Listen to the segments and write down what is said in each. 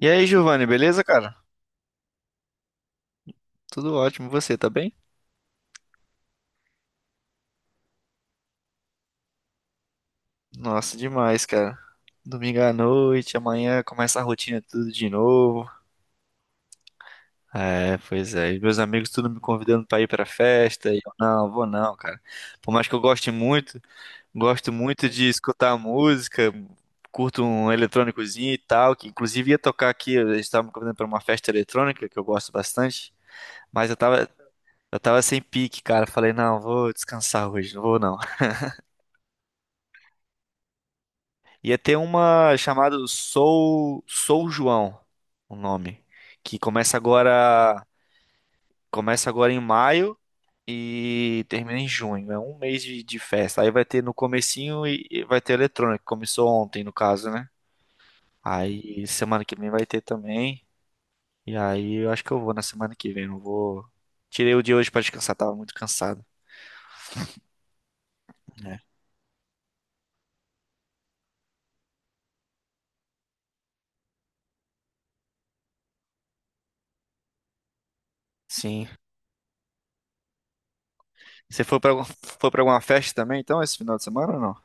E aí, Giovanni, beleza, cara? Tudo ótimo, você tá bem? Nossa, demais, cara. Domingo à noite, amanhã começa a rotina tudo de novo. É, pois é. E meus amigos tudo me convidando pra ir pra festa. E eu, não, vou não, cara. Por mais que eu goste muito, gosto muito de escutar música, curto um eletrônicozinho e tal, que inclusive ia tocar aqui, eles estavam me convidando pra uma festa eletrônica, que eu gosto bastante, mas eu tava sem pique, cara. Falei, não, vou descansar hoje, não vou não. Ia ter uma chamada Sou João, o nome, que começa agora em maio e termina em junho. É um mês de festa. Aí vai ter no comecinho e vai ter eletrônico, que começou ontem no caso, né? Aí semana que vem vai ter também. E aí eu acho que eu vou na semana que vem, não vou. Tirei o dia hoje pra descansar, tava muito cansado, né? Sim. Você foi para alguma festa também, então, esse final de semana ou não?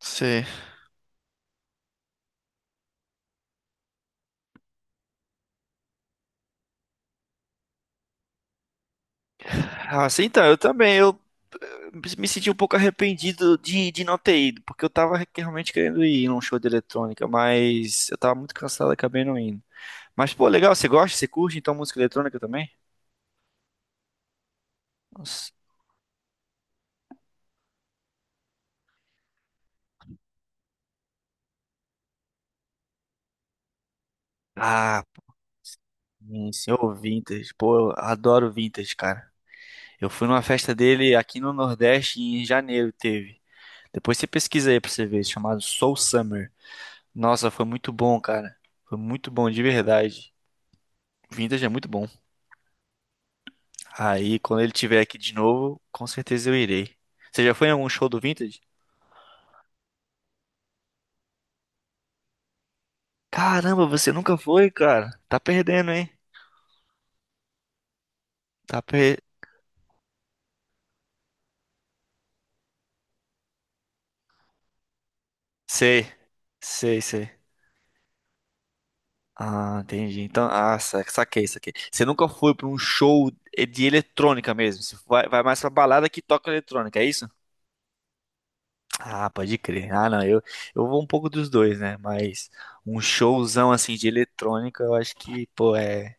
Sim. Ah, sim, então, eu também, eh, me senti um pouco arrependido de não ter ido, porque eu tava realmente querendo ir num show de eletrônica, mas eu tava muito cansado e acabei não indo. Mas, pô, legal, você gosta, você curte, então, música eletrônica também? Nossa. Ah, pô, sim, senhor Vintage, pô, eu adoro Vintage, cara. Eu fui numa festa dele aqui no Nordeste em janeiro, teve. Depois você pesquisa aí pra você ver, chamado Soul Summer. Nossa, foi muito bom, cara. Foi muito bom, de verdade. Vintage é muito bom. Aí, quando ele tiver aqui de novo, com certeza eu irei. Você já foi em algum show do Vintage? Caramba, você nunca foi, cara. Tá perdendo, hein? Tá per... Sei, sei, sei. Ah, entendi. Então, ah, saquei, saquei. Você nunca foi pra um show de eletrônica mesmo. Você vai mais pra balada que toca eletrônica, é isso? Ah, pode crer. Ah, não, eu vou um pouco dos dois, né? Mas um showzão assim de eletrônica, eu acho que, pô, é.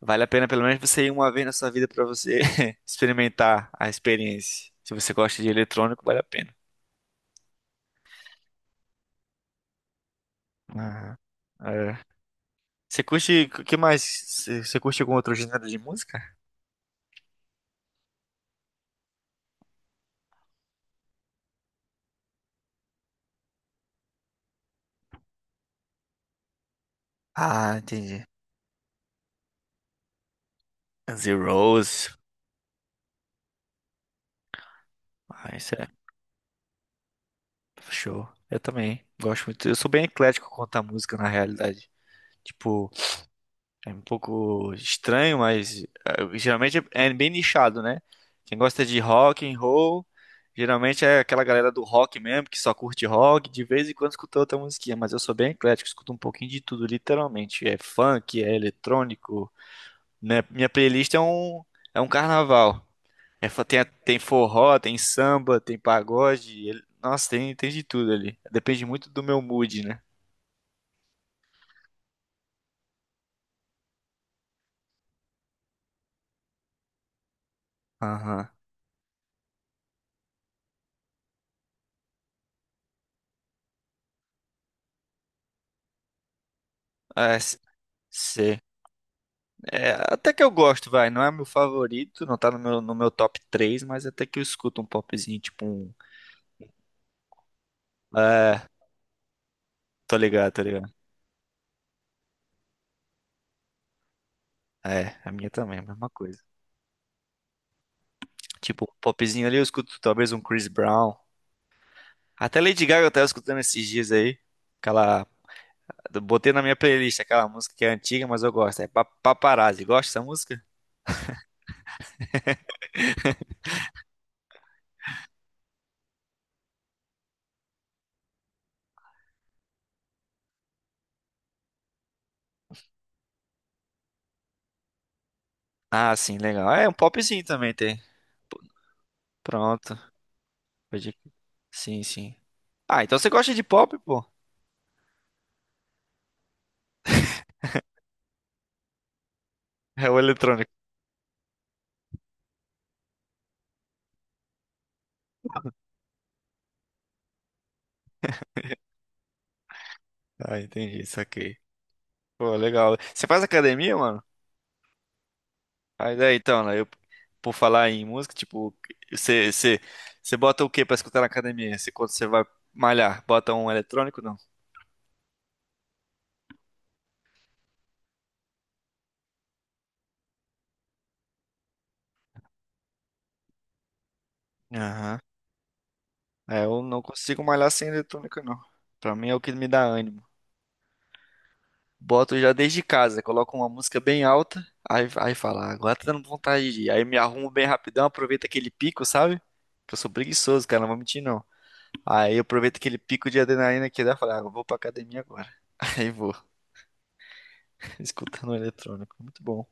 Vale a pena pelo menos você ir uma vez na sua vida pra você experimentar a experiência. Se você gosta de eletrônico, vale a pena. Ah, é. Você curte, o que mais? Você curte algum outro gênero de música? Ah, entendi. Guns N' Roses. Ah, isso é show. Eu também gosto muito. Eu sou bem eclético quanto à música, na realidade. Tipo, é um pouco estranho, mas geralmente é bem nichado, né? Quem gosta de rock and roll, geralmente é aquela galera do rock mesmo, que só curte rock, de vez em quando escuta outra musiquinha, mas eu sou bem eclético, escuto um pouquinho de tudo, literalmente. É funk, é eletrônico, né? Minha playlist é um carnaval. É, tem, tem forró, tem samba, tem pagode, nossa, tem de tudo ali. Depende muito do meu mood, né? Aham. É, sei. É, até que eu gosto, vai. Não é meu favorito, não tá no meu, top três, mas até que eu escuto um popzinho, tipo um. É, tô ligado, tô ligado. É, a minha também, a mesma coisa. Tipo, um popzinho ali eu escuto talvez um Chris Brown. Até Lady Gaga eu tava escutando esses dias aí. Aquela. Botei na minha playlist aquela música que é antiga, mas eu gosto. É Paparazzi. Gosta dessa música? Ah, sim, legal. É, um popzinho também tem. P- Pronto. Pode- Sim, sim. Ah, então você gosta de pop, pô? É o eletrônico. Ah, entendi, saquei. Pô, legal. Você faz academia, mano? Aí, daí, então, né? Por falar em música, tipo, você, você, você bota o que pra escutar na academia? Você, quando você vai malhar, bota um eletrônico, não? Aham. É, eu não consigo malhar sem eletrônica, não. Pra mim é o que me dá ânimo. Boto já desde casa, coloco uma música bem alta, aí fala, "Ah, agora tá dando vontade de ir. Aí me arrumo bem rapidão, aproveito aquele pico, sabe? Que eu sou preguiçoso, cara, não vou mentir, não. Aí eu aproveito aquele pico de adrenalina que dá, falo, ah, eu vou pra academia agora. Aí vou. Escutando o eletrônico, muito bom.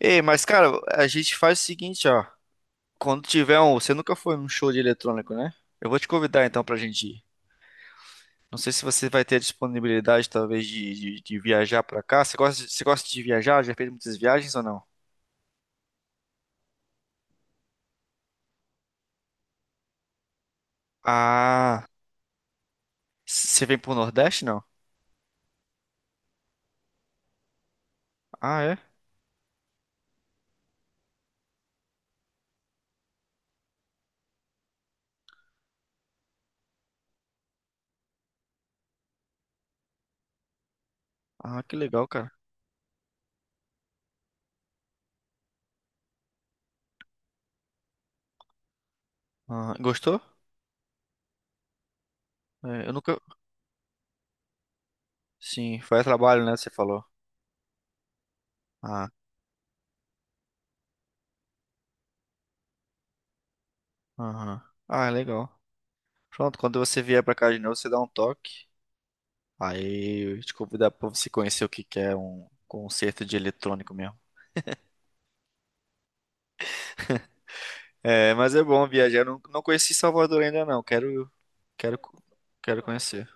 Ei, mas cara, a gente faz o seguinte, ó. Quando tiver um, você nunca foi num show de eletrônico, né? Eu vou te convidar então pra gente ir. Não sei se você vai ter a disponibilidade, talvez, de viajar pra cá. Você gosta, você gosta de viajar? Já fez muitas viagens ou não? Ah, você vem pro Nordeste, não? Ah, é? Ah, que legal, cara. Ah, gostou? É, eu nunca. Sim, foi a trabalho, né? Você falou. Ah, aham. Ah, legal. Pronto, quando você vier pra cá de novo, você dá um toque. Aí eu te convidar pra você conhecer o que que é um concerto de eletrônico mesmo. É, mas é bom viajar. Eu Não, não conheci Salvador ainda não. Quero, quero, quero conhecer.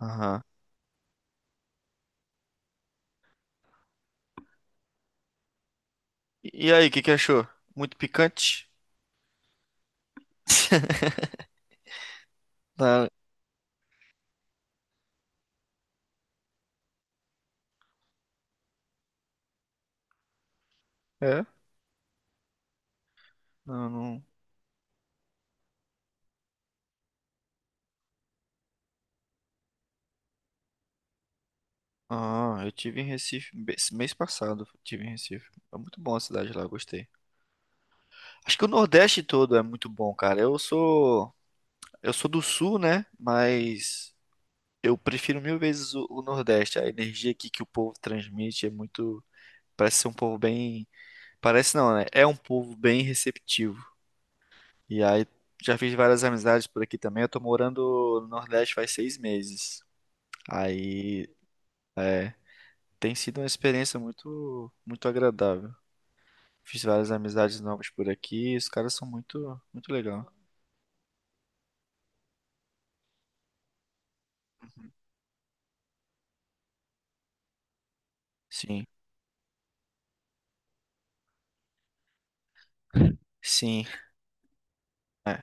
Aham. E aí, o que que achou? Muito picante? Tá, é? Não, não. Ah, eu tive em Recife esse mês passado. Eu tive em Recife. É muito bom a cidade lá, eu gostei. Acho que o Nordeste todo é muito bom, cara. Eu sou do Sul, né? Mas eu prefiro mil vezes o Nordeste. A energia aqui que o povo transmite é muito. Parece ser um povo bem. Parece não, né? É um povo bem receptivo. E aí já fiz várias amizades por aqui também. Eu tô morando no Nordeste faz 6 meses. Aí é, tem sido uma experiência muito, muito agradável. Fiz várias amizades novas por aqui. Os caras são muito, muito legal. Sim, sim. É.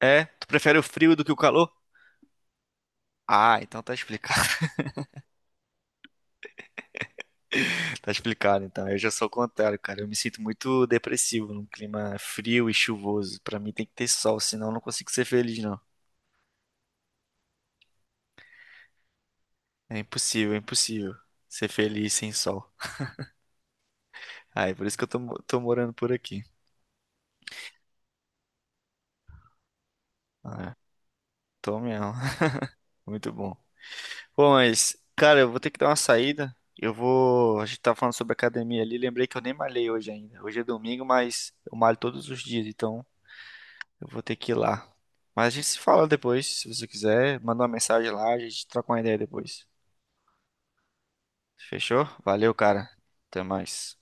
É? Tu prefere o frio do que o calor? Ah, então tá explicado. Tá explicado, então. Eu já sou o contrário, cara. Eu me sinto muito depressivo num clima frio e chuvoso. Pra mim tem que ter sol, senão eu não consigo ser feliz, não. É impossível ser feliz sem sol. Ah, é por isso que eu tô morando por aqui. Ah, é. Tô mesmo. Muito bom. Bom, mas, cara, eu vou ter que dar uma saída. Eu vou. A gente tava falando sobre academia ali. Lembrei que eu nem malhei hoje ainda. Hoje é domingo, mas eu malho todos os dias, então. Eu vou ter que ir lá. Mas a gente se fala depois, se você quiser. Manda uma mensagem lá, a gente troca uma ideia depois. Fechou? Valeu, cara. Até mais.